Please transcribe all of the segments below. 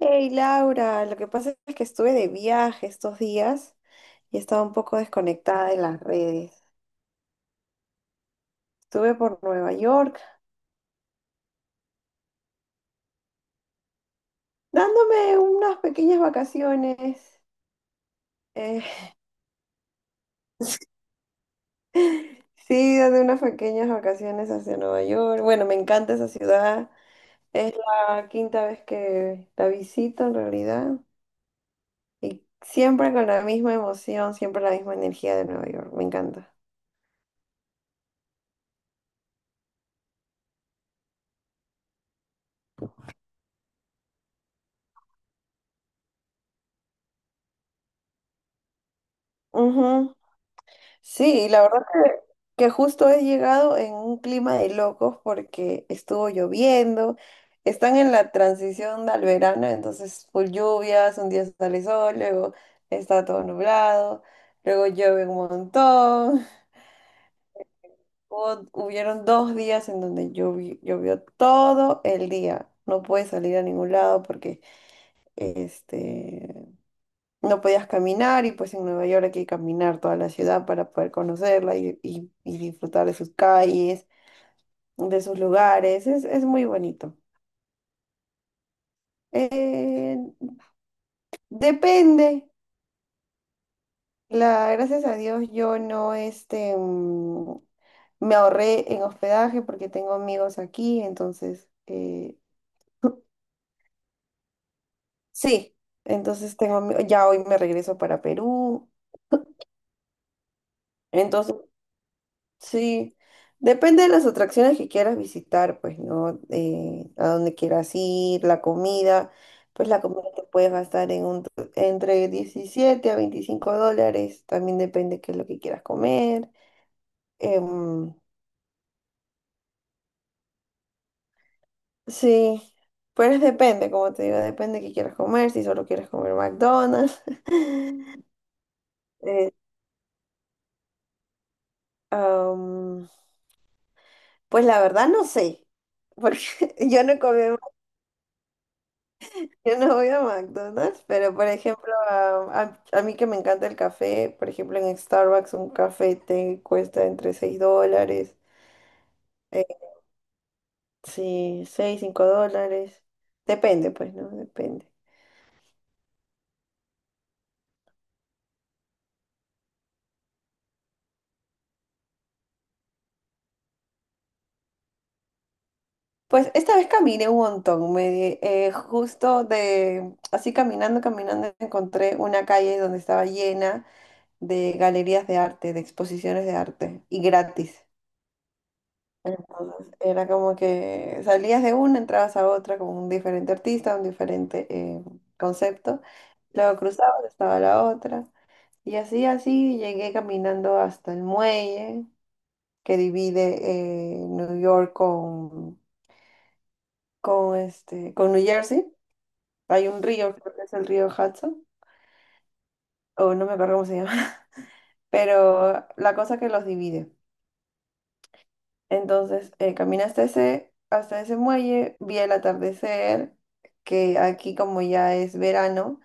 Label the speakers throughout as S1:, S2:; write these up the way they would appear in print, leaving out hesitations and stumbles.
S1: Hey Laura, lo que pasa es que estuve de viaje estos días y estaba un poco desconectada de las redes. Estuve por Nueva York dándome unas pequeñas vacaciones. eh, sí, dando unas pequeñas vacaciones hacia Nueva York. Bueno, me encanta esa ciudad. Es la quinta vez que la visito en realidad y siempre con la misma emoción, siempre la misma energía de Nueva York. Me encanta. Sí, la verdad que justo he llegado en un clima de locos porque estuvo lloviendo, están en la transición al verano, entonces full lluvias, un día sale sol, luego está todo nublado, luego llueve un montón. Hubieron dos días en donde llovió todo el día. No pude salir a ningún lado porque este, no podías caminar y pues en Nueva York hay que caminar toda la ciudad para poder conocerla y disfrutar de sus calles, de sus lugares. Es muy bonito. Eh, depende. Gracias a Dios yo no me ahorré en hospedaje porque tengo amigos aquí, entonces, sí, entonces ya hoy me regreso para Perú. Entonces sí, depende de las atracciones que quieras visitar, pues, ¿no? A dónde quieras ir, la comida, pues la comida te puedes gastar entre $17 a $25, también depende qué es lo que quieras comer. Em, sí, pues depende, como te digo, depende qué quieras comer, si solo quieres comer McDonald's. Eh, am, pues la verdad no sé, porque yo no comí. Yo no voy a McDonald's, pero por ejemplo, a mí que me encanta el café, por ejemplo, en Starbucks un café te cuesta entre $6, eh, sí, $6, $5, depende, pues, ¿no? Depende. Pues esta vez caminé un montón, justo de, así caminando, caminando, encontré una calle donde estaba llena de galerías de arte, de exposiciones de arte, y gratis. Entonces, era como que salías de una, entrabas a otra con un diferente artista, un diferente concepto, luego cruzabas, estaba la otra, y así, así llegué caminando hasta el muelle que divide New York con New Jersey. Hay un río, creo que es el río Hudson, o no me acuerdo cómo se llama, pero la cosa que los divide. Entonces, caminé hasta ese muelle, vi el atardecer, que aquí como ya es verano,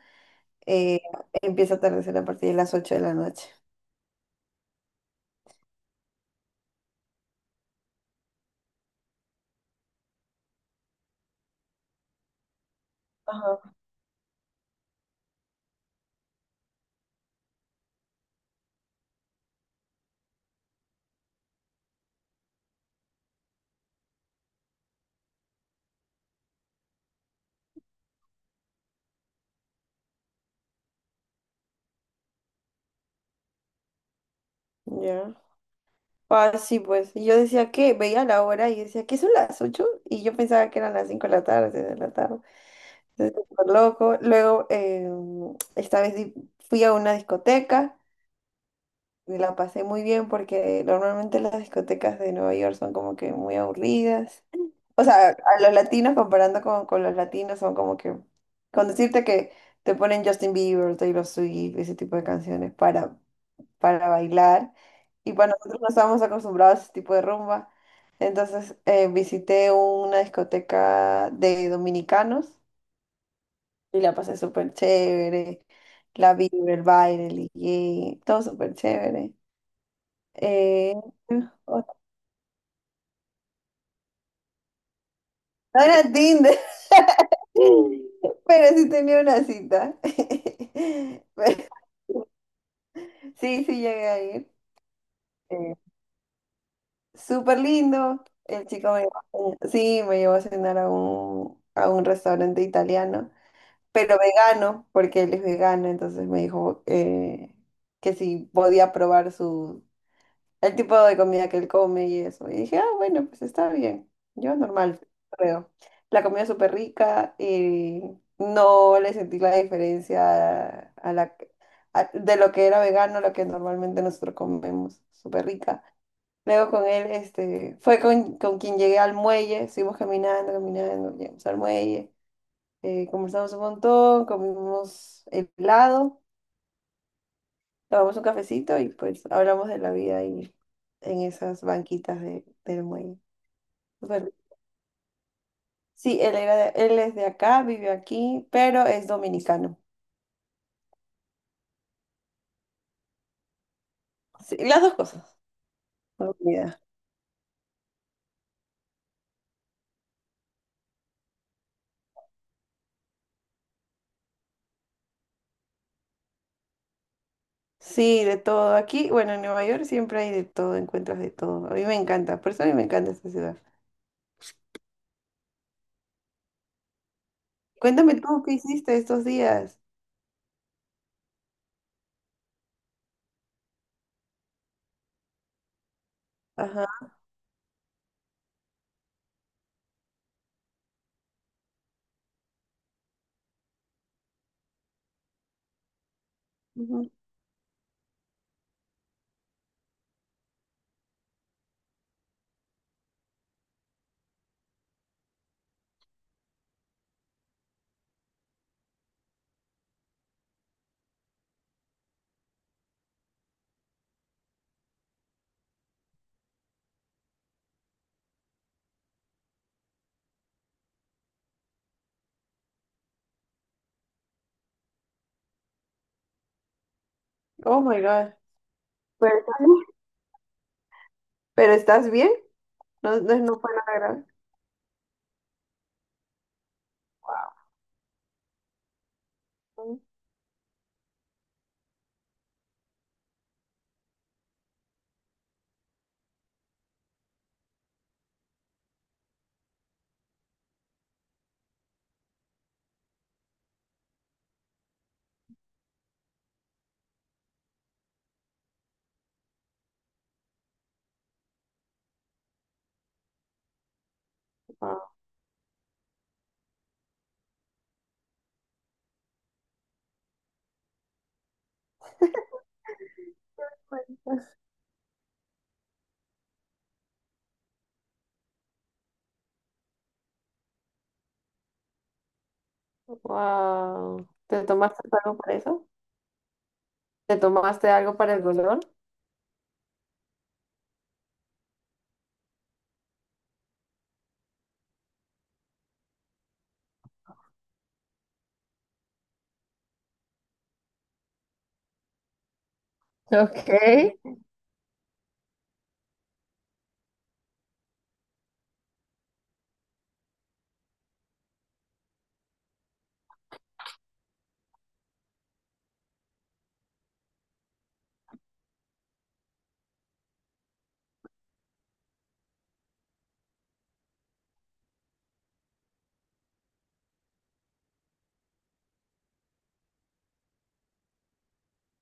S1: eh, empieza a atardecer a partir de las 8 de la noche. Ajá. Ya. Ah, sí, pues. Y yo decía que veía la hora y decía, ¿qué son las ocho? Y yo pensaba que eran las 5 de la tarde, 6 de la tarde. Entonces, súper loco. Luego, esta vez di- fui a una discoteca y la pasé muy bien porque normalmente las discotecas de Nueva York son como que muy aburridas. O sea, a los latinos comparando con los latinos son como que, con decirte que te ponen Justin Bieber, Taylor Swift, ese tipo de canciones para bailar. Y para nosotros no estábamos acostumbrados a ese tipo de rumba. Entonces visité una discoteca de dominicanos y la pasé súper chévere. La vibra, el baile, el DJ, todo súper chévere. Eh, o- no era Tinder. Pero sí tenía una cita. Pero sí, sí llegué a ir. Eh, súper lindo. El chico me llevó a cenar. Sí, me llevó a cenar a un restaurante italiano, pero vegano, porque él es vegano, entonces me dijo que si podía probar sus el tipo de comida que él come y eso. Y dije, ah, bueno, pues está bien. Yo normal, creo. La comida es súper rica y no le sentí la diferencia de lo que era vegano a lo que normalmente nosotros comemos. Súper rica. Luego con él, fue con quien llegué al muelle, seguimos caminando, caminando, llegamos al muelle, conversamos un montón, comimos helado. Tomamos un cafecito y pues hablamos de la vida ahí en esas banquitas del muelle. Bueno, sí, él es de acá, vive aquí, pero es dominicano. Sí, las dos cosas. No olvida. Sí, de todo. Aquí, bueno, en Nueva York siempre hay de todo, encuentras de todo. A mí me encanta, por eso a mí me encanta esta ciudad. Cuéntame tú qué hiciste estos días. Ajá. Ujú. Oh my God. Pero, ¿pero estás bien? No, no, no fue nada grave. Wow. Wow. ¿Te tomaste algo por eso? ¿Te tomaste algo para el dolor? Ok.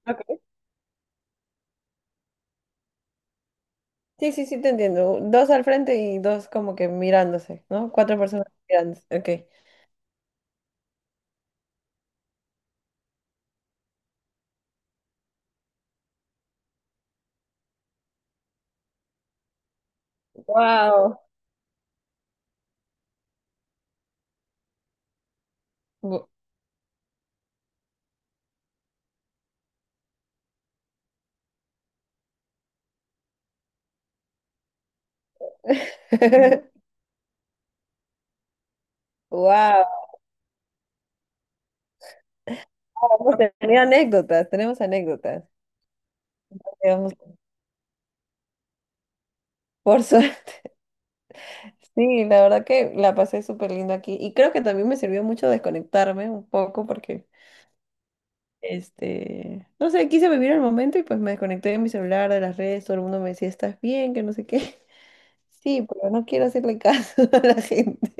S1: Ok. Sí, sí, sí, te entiendo. Dos al frente y dos como que mirándose, ¿no? Cuatro personas mirándose. Ok. Wow. Wow. Wow. Vamos a tener anécdotas, tenemos anécdotas. Digamos, por suerte. Sí, la verdad que la pasé súper lindo aquí. Y creo que también me sirvió mucho desconectarme un poco porque, no sé, quise vivir el momento y pues me desconecté de mi celular, de las redes, todo el mundo me decía, ¿estás bien? Que no sé qué. Sí, pero no quiero hacerle caso a la gente.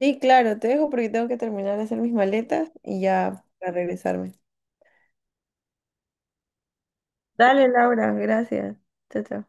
S1: Sí, claro, te dejo porque tengo que terminar de hacer mis maletas y ya para regresarme. Dale, Laura, gracias. Chao, chao.